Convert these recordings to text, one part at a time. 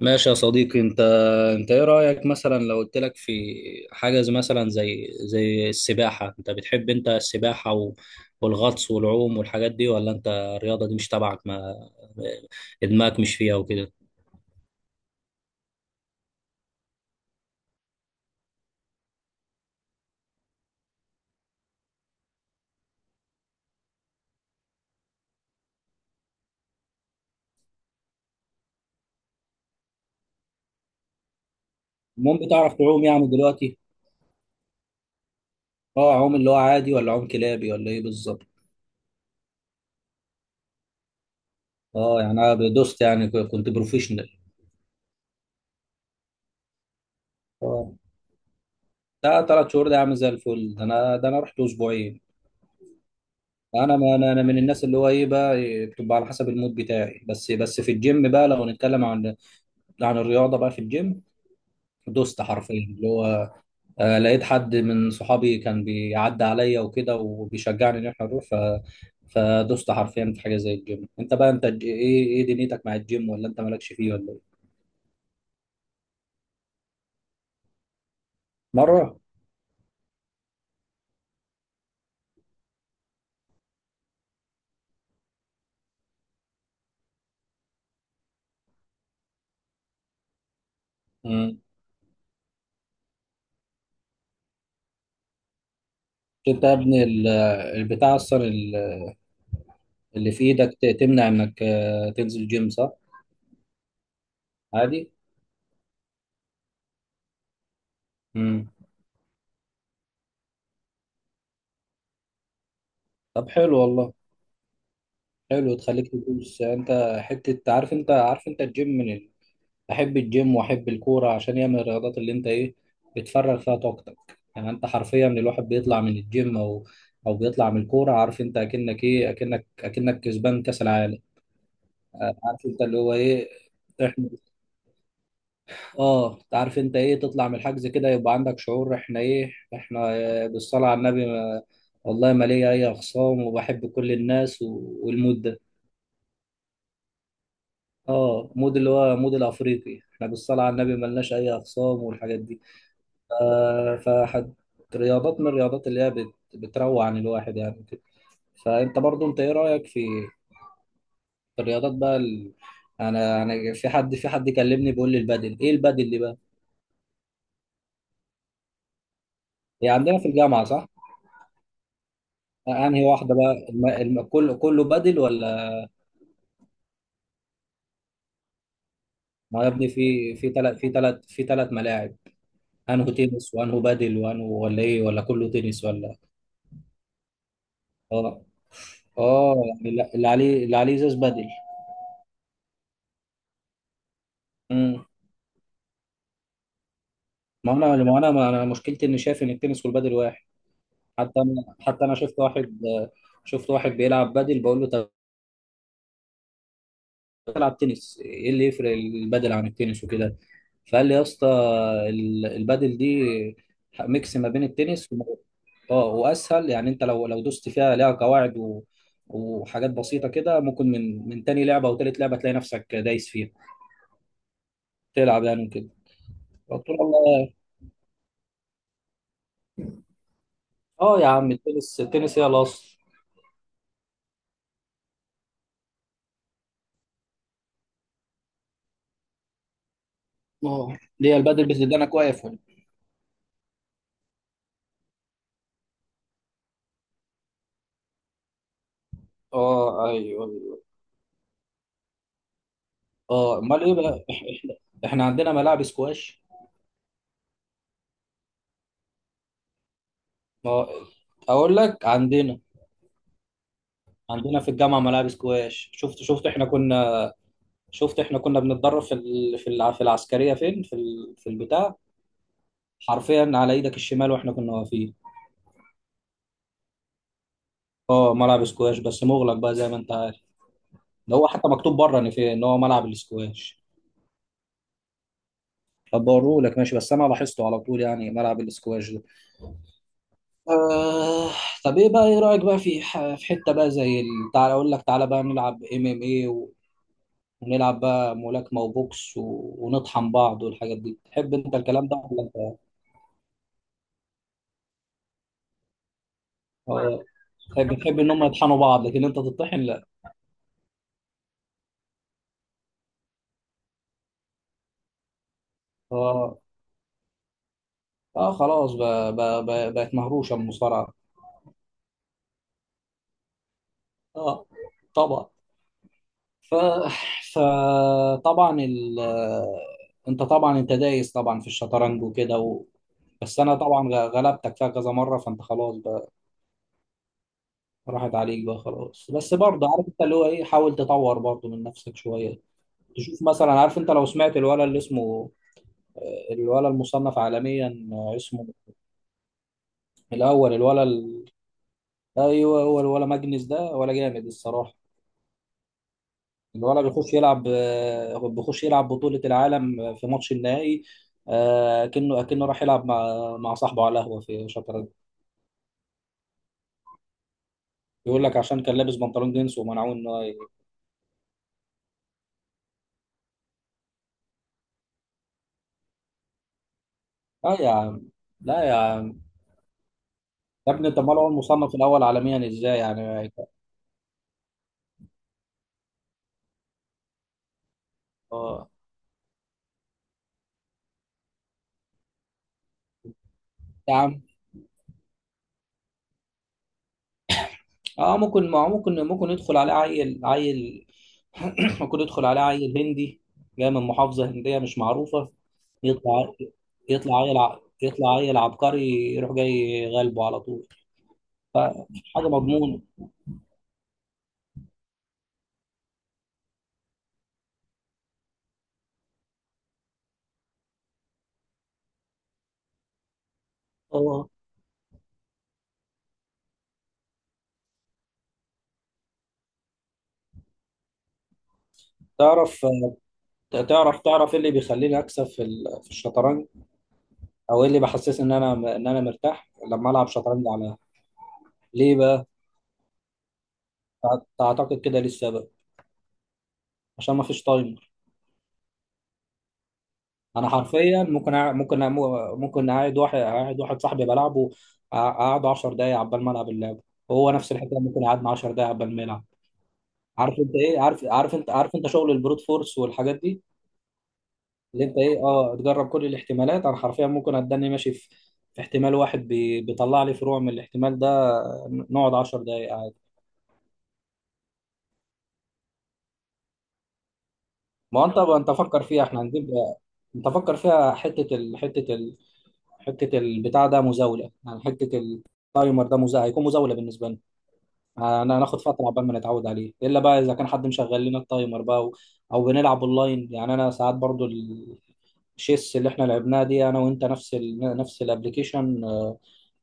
ماشي يا صديقي. انت ايه رأيك مثلا لو قلت لك في حاجة مثلا زي السباحة؟ انت بتحب انت السباحة والغطس والعوم والحاجات دي، ولا انت الرياضة دي مش تبعك، ما دماغك مش فيها وكده؟ المهم بتعرف تعوم يعني دلوقتي؟ اه، عوم اللي هو عادي ولا عوم كلابي ولا ايه بالظبط؟ اه يعني انا دوست، يعني كنت بروفيشنال؟ اه، ده ثلاث شهور ده عامل زي الفل. ده انا، رحت اسبوعين. انا، ما انا أنا من الناس اللي هو ايه بقى، إيه، بتبقى على حسب المود بتاعي، بس في الجيم بقى، لو هنتكلم عن الرياضه بقى في الجيم، دوست حرفيا اللي هو، لقيت حد من صحابي كان بيعدي عليا وكده وبيشجعني ان احنا نروح، فدوست حرفيا في حاجه زي الجيم. انت بقى انت ايه دنيتك مع الجيم، ولا انت مالكش فيه ولا ايه؟ مره. امم. انت يا ابني البتاع اصلا، اللي في ايدك، تمنع انك، تنزل جيم، صح؟ عادي. امم. طب حلو والله. حلو تخليك تدوس. يعني انت حته، عارف انت، عارف انت الجيم من ال... احب الجيم واحب الكوره، عشان هي من الرياضات اللي انت ايه، بتفرغ فيها طاقتك. يعني انت حرفيا الواحد بيطلع من الجيم او بيطلع من الكوره، عارف انت اكنك ايه، اكنك كسبان كاس العالم. عارف انت اللي هو ايه. احنا، اه، عارف انت ايه، تطلع من الحجز كده يبقى عندك شعور، احنا ايه، احنا، بالصلاه على النبي ما... والله ما ليا اي اخصام، وبحب كل الناس والمود ده. اه، مود اللي هو مود الافريقي، احنا بالصلاه على النبي ملناش اي اخصام والحاجات دي. فحد، رياضات من الرياضات اللي هي بت... بتروع عن الواحد يعني كده. فانت برضو انت ايه رايك في الرياضات بقى ال... انا في حد، في حد كلمني بيقول لي البدل، ايه البدل دي بقى؟ هي عندنا في الجامعه، صح؟ انهي واحده بقى، الم... الم... كله كله بدل ولا؟ ما يا ابني في ثلاث ملاعب. انه تنس، وانه بدل، وانه ولا ايه، ولا كله تنس ولا؟ اه اه يعني اللي عليه، اللي عليه ازاز بدل. امم. ما انا مشكلتي اني شايف ان التنس والبدل واحد. حتى انا شفت واحد، شفت واحد بيلعب بدل، بقول له طب العب تنس، ايه اللي يفرق البدل عن التنس وكده؟ فقال لي يا اسطى، البدل دي ميكس ما بين التنس اه واسهل. يعني انت لو دوست فيها ليها قواعد وحاجات بسيطه كده، ممكن من تاني لعبه او تالت لعبه تلاقي نفسك دايس فيها. تلعب يعني وكده. قلت له والله. اه يا عم، التنس، التنس هي الاصل. اه، ليه البدل بتدينا واقف ولا؟ اه، ايوه ايوه. اه، امال ايه بقى، احنا عندنا ملاعب سكواش. اه، اقول لك، عندنا في الجامعه ملاعب سكواش. شفت احنا كنا، شفت احنا كنا بنتدرب في ال... في الع... في العسكريه، فين، في ال... في البتاع، حرفيا على ايدك الشمال واحنا كنا واقفين. اه، ملعب سكواش بس مغلق بقى، زي ما انت عارف. ده هو حتى مكتوب بره ان في، ان هو ملعب السكواش. طب بوريه لك، ماشي، بس انا لاحظته على طول يعني ملعب السكواش. آه. طب ايه بقى، ايه رأيك بقى في في حتة بقى زي تعالى اقول لك، تعالى بقى نلعب ام ام ايه، ونلعب بقى ملاكمة وبوكس ونطحن بعض والحاجات دي. تحب انت الكلام ده ولا انت؟ اه، تحب ان هم يطحنوا بعض، لكن انت تطحن لا. اه اه خلاص بقى، بقى بقت مهروشة المصارعة. اه طبعا. ف فطبعا ال... انت طبعا، انت دايس طبعا في الشطرنج وكده بس انا طبعا غلبتك فيها كذا مرة، فانت خلاص بقى. راحت عليك بقى خلاص. بس برضه عارف انت اللي هو ايه، حاول تطور برضه من نفسك شويه. تشوف مثلا. عارف انت لو سمعت الولا اللي اسمه، الولا المصنف عالميا، اسمه، الاول، الولا ال... ايوه، هو الولا ماجنس ده ولا جامد الصراحه. الولا بيخش يلعب، بيخش يلعب بطوله العالم في ماتش النهائي، كأنه راح يلعب مع صاحبه على قهوه في شطرنج. بيقول لك عشان كان لابس بنطلون جينز ومنعوه ان هو اه يا عم. لا يا عم. يا ابني طب ما هو المصنف الاول عالميا ازاي يعني؟ اه يا عم. اه ممكن، ما هو ممكن يدخل عليه عيل، عيل، ممكن يدخل عليه عيل هندي جاي من محافظة هندية مش معروفة. يطلع. يطلع عيل يطلع عيل عبقري يروح جاي غالبه على طول. فحاجة مضمونة. اه تعرف، تعرف ايه اللي بيخليني اكسب في في الشطرنج، او ايه اللي بحسسني ان انا، ان انا مرتاح لما العب شطرنج على، ليه بقى، تعتقد كده ليه السبب؟ عشان ما فيش تايم. انا حرفيا ممكن ممكن ممكن اقعد واحد، اقعد واحد صاحبي بلعبه، اقعد 10 دقايق عبال ما العب اللعبه، وهو نفس الحكايه ممكن يقعدنا 10 دقايق عبال ما يلعب. عارف انت ايه، عارف، عارف انت عارف انت شغل البروت فورس والحاجات دي. اللي انت ايه، اه، تجرب كل الاحتمالات. انا حرفيا ممكن اتدني ماشي في احتمال واحد بيطلع لي فروع من الاحتمال ده، نقعد 10 دقايق عادي. ما هو انت فكر فيها، احنا هنجيب، انت فكر فيها حته ال... حته ال... حته البتاع ده مزاوله، يعني حته التايمر ده مزاوله، هيكون مزاوله بالنسبه لنا. انا هناخد فتره عقبال ما نتعود عليه، الا بقى اذا كان حد مشغل لنا التايمر بقى، او بنلعب اونلاين. يعني انا ساعات برضو الشيس اللي احنا لعبناها دي انا وانت، نفس ال... نفس الابلكيشن،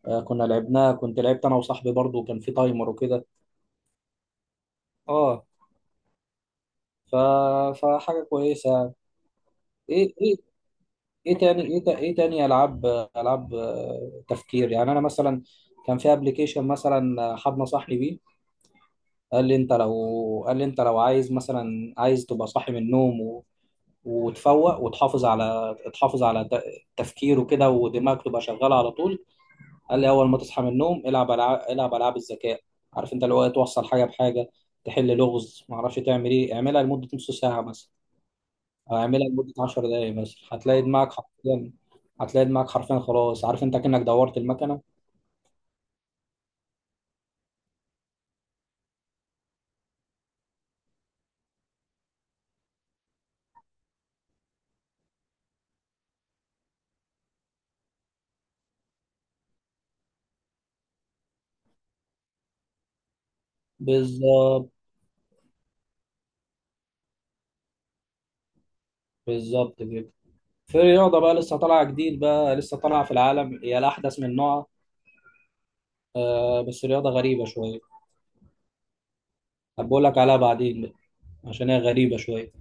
كنا لعبناها، كنت لعبت انا وصاحبي برضو كان في تايمر وكده. اه. ف... فحاجه كويسه. ايه ايه تاني، ايه, إيه تاني العاب، العاب تفكير؟ يعني انا مثلا كان في ابلكيشن مثلا، حد نصحني بيه، قال لي انت لو عايز مثلا، عايز تبقى صاحي من النوم، وتفوق وتحافظ على، تحافظ على تفكير وكده، ودماغك تبقى شغاله على طول. قال لي اول ما تصحى من النوم العب العاب، العب العاب الذكاء. عارف انت اللي هو إيه، توصل حاجه بحاجه، تحل لغز، ما اعرفش تعمل ايه، اعملها لمده نص ساعه مثلا، او اعملها لمده 10 دقائق مثلا. هتلاقي دماغك حرفيا، هتلاقي دماغك حرفيا خلاص، عارف انت، كأنك دورت المكنه. بالظبط. بالظبط كده. في رياضه بقى لسه طالعه جديد، بقى لسه طالعه في العالم، هي الاحدث من نوعها، بس رياضه غريبه شويه. هبقول لك عليها بعدين، عشان هي غريبة شوية.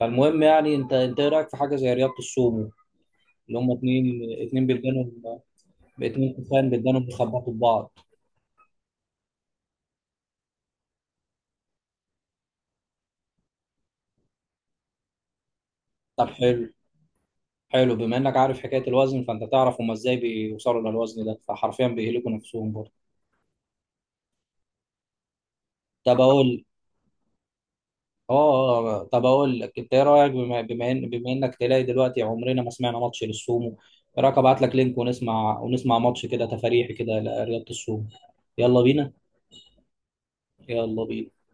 فالمهم يعني، انت ايه رأيك في حاجة زي رياضة السومو؟ اللي هم اتنين، اتنين بيدانهم، اتنين تخان بيدانهم بيخبطوا في بعض. طب حلو. حلو، بما انك عارف حكاية الوزن، فانت تعرف هم ازاي بيوصلوا للوزن ده، فحرفيا بيهلكوا نفسهم برضه. طب اقول. اه، طب اقول لك، انت ايه رأيك، بما، بما ان بما انك تلاقي دلوقتي عمرنا ما سمعنا ماتش للسومو؟ ايه رأيك ابعت لك لينك، ونسمع، ونسمع ماتش كده تفاريحي كده لرياضة السومو. يلا بينا. يلا بينا.